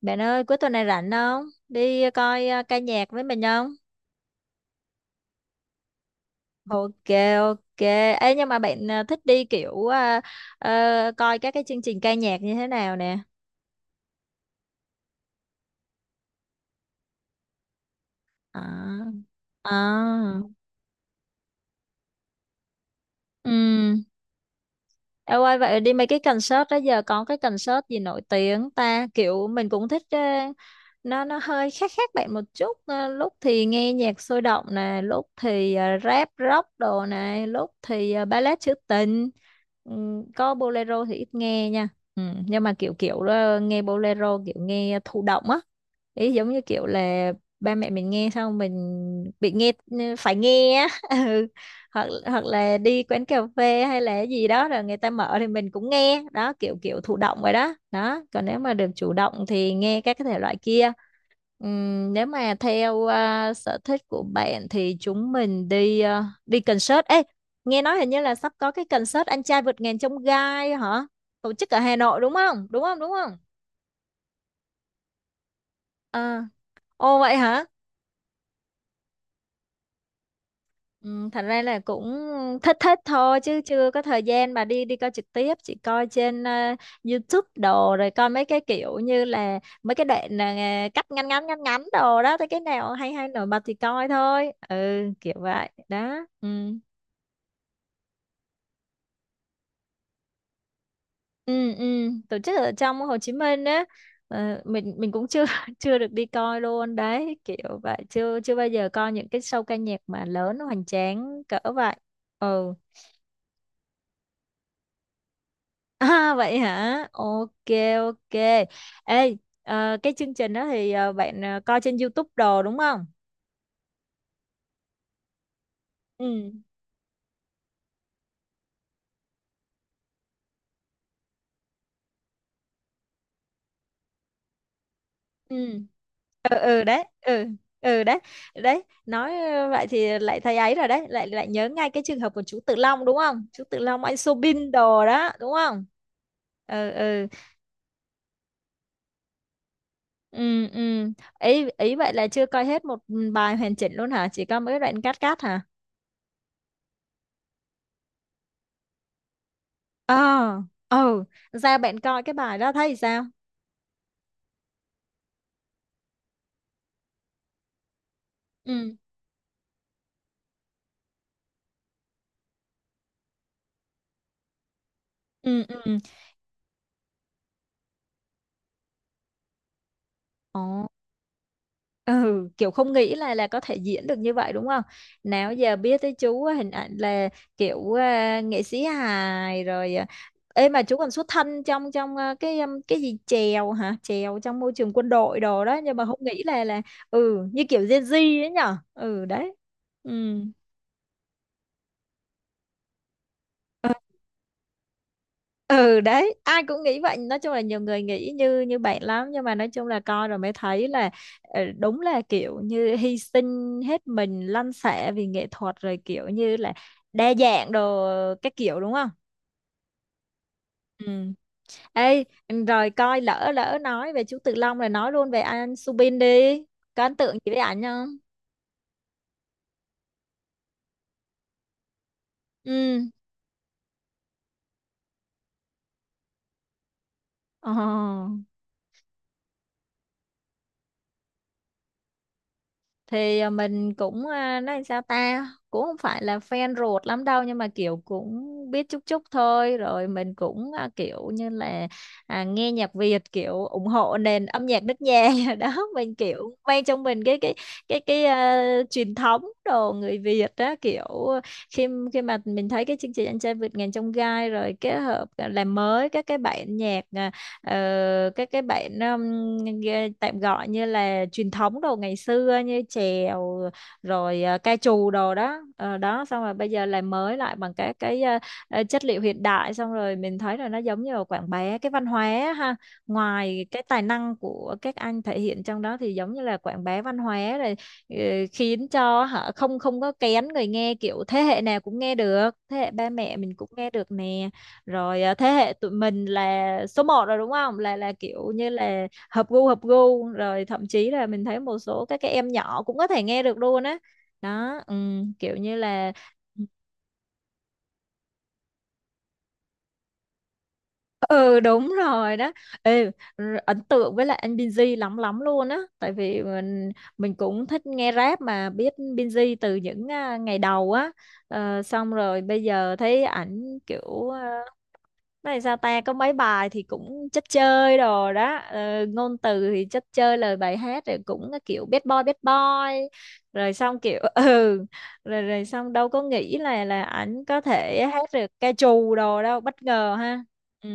Bạn ơi, cuối tuần này rảnh không? Đi coi ca nhạc với mình không? Ok, ok. Ê, nhưng mà bạn thích đi kiểu coi các cái chương trình ca nhạc như thế nào nè? À, à, ừ. Em ơi, vậy đi mấy cái concert đó giờ có cái concert gì nổi tiếng ta, kiểu mình cũng thích, nó hơi khác khác bạn một chút. Ờ, lúc thì nghe nhạc sôi động nè, lúc thì rap rock đồ này, lúc thì ballad trữ tình. Có bolero thì ít nghe nha. Nhưng mà kiểu kiểu nghe bolero kiểu nghe thụ động á, ý giống như kiểu là ba mẹ mình nghe xong mình bị nghe, phải nghe á. Ừ. hoặc hoặc là đi quán cà phê hay là gì đó rồi người ta mở thì mình cũng nghe đó, kiểu kiểu thụ động rồi đó đó, còn nếu mà được chủ động thì nghe các cái thể loại kia. Nếu mà theo sở thích của bạn thì chúng mình đi đi concert ấy. Nghe nói hình như là sắp có cái concert Anh Trai Vượt Ngàn Chông Gai hả, tổ chức ở Hà Nội, đúng không, đúng không, đúng không? À, ồ vậy hả? Ừ, thật ra là cũng thích thích thôi chứ chưa có thời gian mà đi đi coi trực tiếp, chỉ coi trên YouTube đồ, rồi coi mấy cái kiểu như là mấy cái đoạn cắt ngắn ngắn ngắn ngắn đồ đó, thấy cái nào hay hay nổi bật thì coi thôi. Ừ, kiểu vậy đó. Ừ ừ ừ, tổ chức ở trong Hồ Chí Minh á. Ờ, mình cũng chưa chưa được đi coi luôn đấy, kiểu vậy chưa, chưa bao giờ coi những cái show ca nhạc mà lớn hoành tráng cỡ vậy. Ừ. À, vậy hả? Ok, ok. Ê, cái chương trình đó thì bạn coi trên YouTube đồ đúng không? Ừ, ừ. Ừ ừ đấy, ừ ừ đấy. Đấy, nói vậy thì lại thấy ấy rồi đấy, lại lại nhớ ngay cái trường hợp của chú Tự Long đúng không? Chú Tự Long, anh Soobin đồ đó, đúng không? Ừ ừ. Ừ ừ. Ý ý vậy là chưa coi hết một bài hoàn chỉnh luôn hả? Chỉ có mấy đoạn cắt cắt hả? Ờ, ừ, ra bạn coi cái bài đó thấy sao? Ừ. Ừ, ừ. Ồ. Ừ, kiểu không nghĩ là có thể diễn được như vậy đúng không? Nào giờ biết tới chú á, hình ảnh là kiểu nghệ sĩ hài rồi à. Ê, mà chú còn xuất thân trong trong cái gì chèo hả? Chèo trong môi trường quân đội đồ đó, nhưng mà không nghĩ là ừ như kiểu Gen Z ấy nhở? Ừ đấy. Ừ. Ừ đấy, ai cũng nghĩ vậy, nói chung là nhiều người nghĩ như như bạn lắm, nhưng mà nói chung là coi rồi mới thấy là đúng là kiểu như hy sinh hết mình, lăn xẻ vì nghệ thuật rồi, kiểu như là đa dạng đồ các kiểu đúng không. Ừ. Ê, rồi coi lỡ lỡ nói về chú Tự Long rồi, nói luôn về anh Subin đi, có ấn tượng gì với ảnh không? Ừ. Ồ. Thì mình cũng nói sao ta, cũng không phải là fan ruột lắm đâu, nhưng mà kiểu cũng biết chút chút thôi, rồi mình cũng kiểu như là nghe nhạc Việt kiểu ủng hộ nền âm nhạc nước nhà đó, mình kiểu mang trong mình cái truyền thống đồ người Việt đó, kiểu khi khi mà mình thấy cái chương trình Anh Trai Vượt Ngàn Chông Gai rồi kết hợp làm mới các cái bản nhạc ờ, cái bạn nghe- tạm gọi như là truyền thống đồ ngày xưa như chèo rồi ca trù đồ đó. Ờ, đó xong rồi bây giờ làm mới lại bằng các cái chất liệu hiện đại, xong rồi mình thấy là nó giống như là quảng bá cái văn hóa á ha, ngoài cái tài năng của các anh thể hiện trong đó thì giống như là quảng bá văn hóa rồi ờ, khiến cho họ không, không có kén người nghe, kiểu thế hệ nào cũng nghe được, thế hệ ba mẹ mình cũng nghe được nè, rồi thế hệ tụi mình là số một rồi đúng không, là là kiểu như là hợp gu rồi, thậm chí là mình thấy một số các cái em nhỏ cũng có thể nghe được luôn á. Đó. Ừ, kiểu như là ừ đúng rồi đó. Ê, r- ấn tượng với lại anh Binz lắm lắm luôn á, tại vì mình cũng thích nghe rap, mà biết Binz từ những ngày đầu á. Ờ, xong rồi bây giờ thấy ảnh kiểu này sao ta, có mấy bài thì cũng chất chơi đồ đó, ngôn từ thì chất chơi, lời bài hát rồi cũng kiểu bad boy bad boy, rồi xong kiểu ừ, rồi rồi xong đâu có nghĩ là ảnh có thể hát được ca trù đồ đâu, bất ngờ ha. Ừ,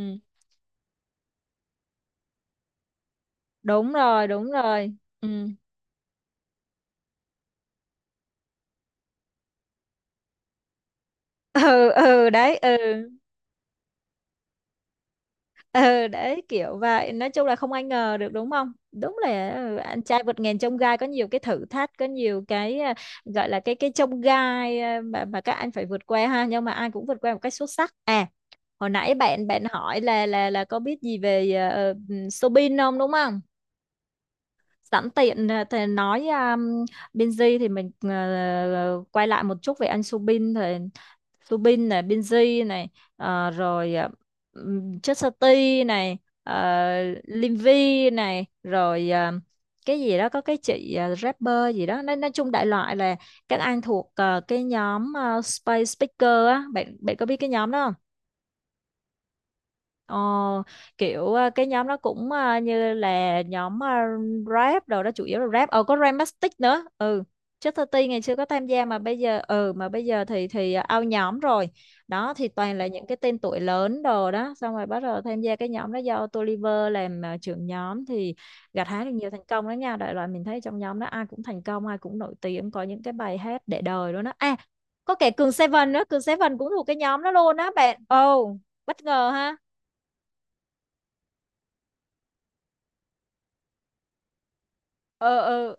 đúng rồi, đúng rồi. Ừ. Ừ ừ đấy, ừ ừ đấy, kiểu vậy, nói chung là không ai ngờ được đúng không, đúng là ừ, Anh Trai Vượt Ngàn Chông Gai có nhiều cái thử thách, có nhiều cái gọi là cái chông gai mà các anh phải vượt qua ha, nhưng mà ai cũng vượt qua một cách xuất sắc à. Hồi nãy bạn bạn hỏi là là có biết gì về Soobin không đúng không? Sẵn tiện thì nói Binz thì mình quay lại một chút về anh Subin thì Subin này, Binz này, à, rồi à, Chất Sơ Ti này, Lim này, rồi cái gì đó có cái chị rapper gì đó, nói chung đại loại là các anh thuộc cái nhóm Space Speaker á, bạn bạn có biết cái nhóm đó không? Ờ, kiểu cái nhóm đó cũng như là nhóm rap đồ đó, chủ yếu là rap, ờ có Ramastic nữa. Ừ, trước 30 ngày xưa có tham gia, mà bây giờ ừ mà bây giờ thì out nhóm rồi. Đó thì toàn là những cái tên tuổi lớn đồ đó, xong rồi bắt đầu tham gia cái nhóm đó do Toliver làm trưởng nhóm thì gặt hái được nhiều thành công đó nha, đại loại mình thấy trong nhóm đó ai cũng thành công, ai cũng nổi tiếng, có những cái bài hát để đời luôn đó à, có kẻ Cường Seven nữa, Cường Seven cũng thuộc cái nhóm đó luôn á bạn. Ồ, bất ngờ ha. Ừ ừ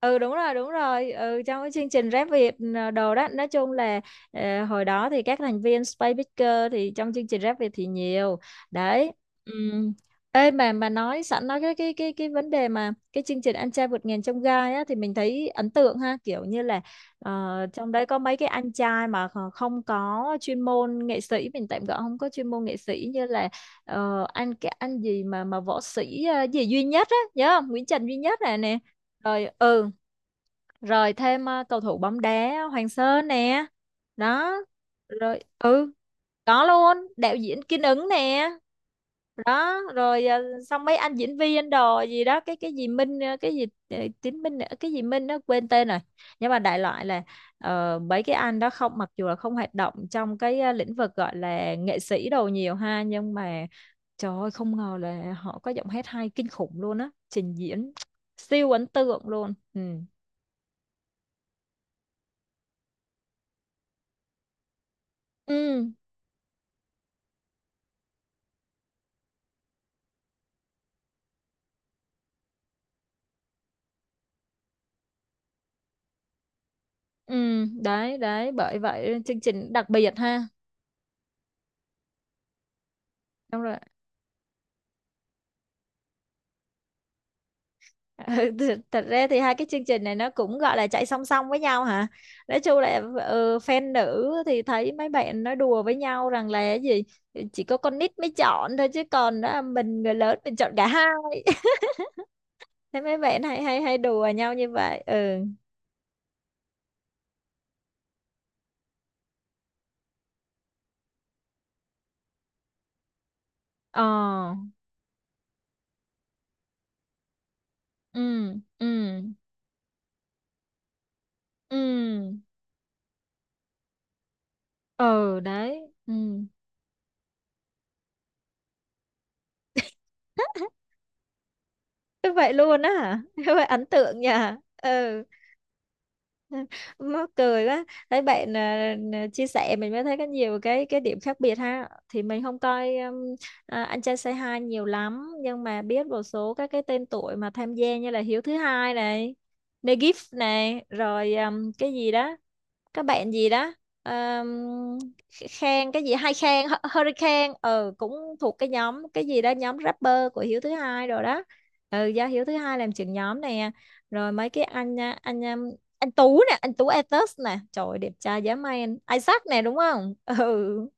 ừ, đúng rồi đúng rồi. Ừ, trong cái chương trình Rap Việt đồ đó, nói chung là hồi đó thì các thành viên Space Picker thì trong chương trình Rap Việt thì nhiều. Đấy. Ừm. Ê, mà nói sẵn nói cái vấn đề mà cái chương trình Anh Trai Vượt Ngàn Chông Gai á thì mình thấy ấn tượng ha, kiểu như là trong đấy có mấy cái anh trai mà kh- không có chuyên môn nghệ sĩ, mình tạm gọi không có chuyên môn nghệ sĩ, như là Ờ, anh cái anh gì mà võ sĩ gì Duy Nhất á, nhớ không, Nguyễn Trần Duy Nhất này nè, rồi ừ rồi thêm cầu thủ bóng đá Hoàng Sơn nè, đó rồi ừ có luôn đạo diễn Kiên Ứng nè, đó rồi xong mấy anh diễn viên đồ gì đó, cái gì Minh cái gì Tiến Minh cái gì Minh nó quên tên rồi, nhưng mà đại loại là mấy cái anh đó, không mặc dù là không hoạt động trong cái lĩnh vực gọi là nghệ sĩ đồ nhiều ha, nhưng mà trời ơi, không ngờ là họ có giọng hát hay kinh khủng luôn á, trình diễn siêu ấn tượng luôn. Ừ ừ ừ đấy đấy, bởi vậy chương trình đặc biệt ha. Xong rồi. Ừ, th- thật ra thì hai cái chương trình này nó cũng gọi là chạy song song với nhau hả, nói chung là ừ, fan nữ thì thấy mấy bạn nói đùa với nhau rằng là cái gì chỉ có con nít mới chọn thôi chứ, còn đó mình người lớn mình chọn cả hai. Thế mấy bạn hay hay hay đùa nhau như vậy. Ừ ờ ừ ừ ừ ừ đấy ừ. Thế vậy luôn á hả? Thế vậy ấn tượng nhỉ? Ừ. Mắc cười quá. Thấy bạn chia sẻ mình mới thấy có nhiều cái điểm khác biệt ha. Thì mình không coi anh trai Say Hi nhiều lắm, nhưng mà biết một số các cái tên tuổi mà tham gia như là Hiếu thứ hai này, Negif này, rồi cái gì đó, các bạn gì đó, um, Khang cái gì hai khen Hurricane, ừ, cũng thuộc cái nhóm cái gì đó, nhóm rapper của Hiếu thứ hai rồi đó. Ừ, do Hiếu thứ hai làm trưởng nhóm nè. Rồi mấy cái anh Tú nè, anh Tú Atos nè, trời ơi, đẹp trai dã man, Isaac nè, đúng không? Ừ.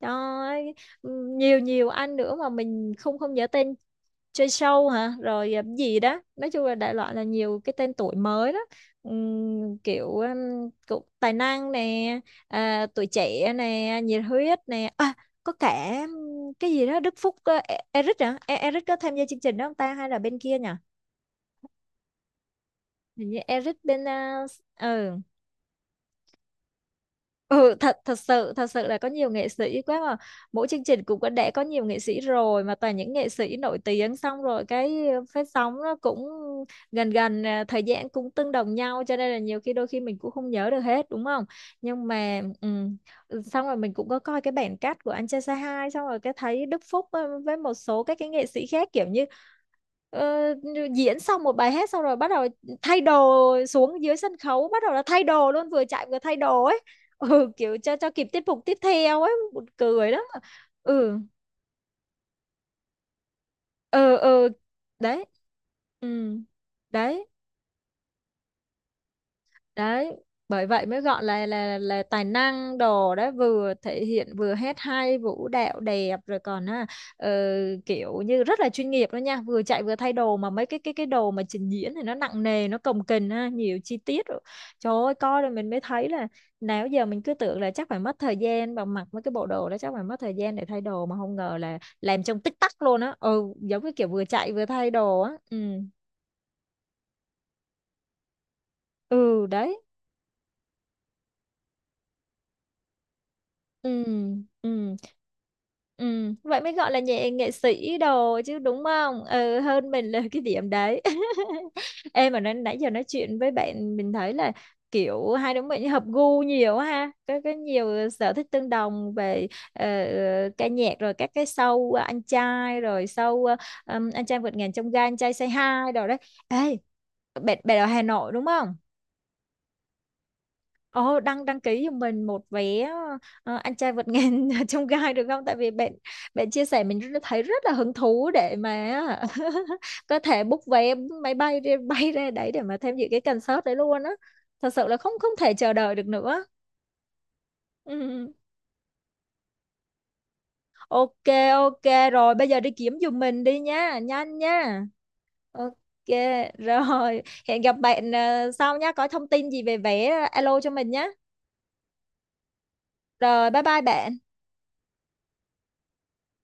Trời ơi, nhiều nhiều anh nữa mà mình không không nhớ tên, chơi show hả, rồi gì đó, nói chung là đại loại là nhiều cái tên tuổi mới đó. Kiểu cũng tài năng nè, tuổi trẻ nè, nhiệt huyết nè, có cả cái gì đó Đức Phúc, Eric hả? Eric có tham gia chương trình đó không ta, hay là bên kia nhỉ? Hình như Eric bên uh, ừ. Ừ thật thật sự thật sự là có nhiều nghệ sĩ quá mà. Mỗi chương trình cũng đã có nhiều nghệ sĩ rồi, mà toàn những nghệ sĩ nổi tiếng, xong rồi cái phát sóng nó cũng gần gần, thời gian cũng tương đồng nhau, cho nên là nhiều khi đôi khi mình cũng không nhớ được hết, đúng không? Nhưng mà ừ, xong rồi mình cũng có coi cái bản cắt của anh trai say hi, xong rồi cái thấy Đức Phúc với một số các cái nghệ sĩ khác, kiểu như ờ, diễn xong một bài hát xong rồi bắt đầu thay đồ, xuống dưới sân khấu bắt đầu là thay đồ luôn, vừa chạy vừa thay đồ ấy. Ừ, kiểu cho kịp tiết mục tiếp theo ấy, buồn cười lắm. Ừ ừ đấy ừ đấy đấy, bởi vậy mới gọi là là tài năng đồ đấy, vừa thể hiện vừa hát hay vũ đạo đẹp, rồi còn ờ, kiểu như rất là chuyên nghiệp đó nha, vừa chạy vừa thay đồ mà mấy cái đồ mà trình diễn thì nó nặng nề, nó cồng kềnh ha, nhiều chi tiết rồi. Trời ơi, coi rồi mình mới thấy là nào giờ mình cứ tưởng là chắc phải mất thời gian, và mặc mấy cái bộ đồ đó chắc phải mất thời gian để thay đồ, mà không ngờ là làm trong tích tắc luôn á. Ừ, giống cái kiểu vừa chạy vừa thay đồ á. Ừ ừ đấy ừ ừ ừ, vậy mới gọi là nghệ nghệ sĩ đồ chứ, đúng không? Ừ, hơn mình là cái điểm đấy. Em mà nói, nãy giờ nói chuyện với bạn mình thấy là kiểu hai đứa mình hợp gu nhiều ha, có nhiều sở thích tương đồng về ờ, ca nhạc, rồi các cái show anh trai, rồi show anh trai vượt ngàn chông gai, anh trai say hi đồ đấy. Ê, bạn bạn ở Hà Nội đúng không? Ồ, đăng đăng ký cho mình một vé anh trai vượt ngàn chông gai được không? Tại vì bạn bạn chia sẻ mình thấy rất là hứng thú để mà có thể book vé máy bay đi bay ra đấy để mà tham dự cái concert đấy luôn á. Thật sự là không không thể chờ đợi được nữa. Ừ. Ok ok, rồi bây giờ đi kiếm giùm mình đi nha, nhanh nha. Ok rồi, hẹn gặp bạn sau nha, có thông tin gì về vé alo cho mình nhé. Rồi bye bye bạn.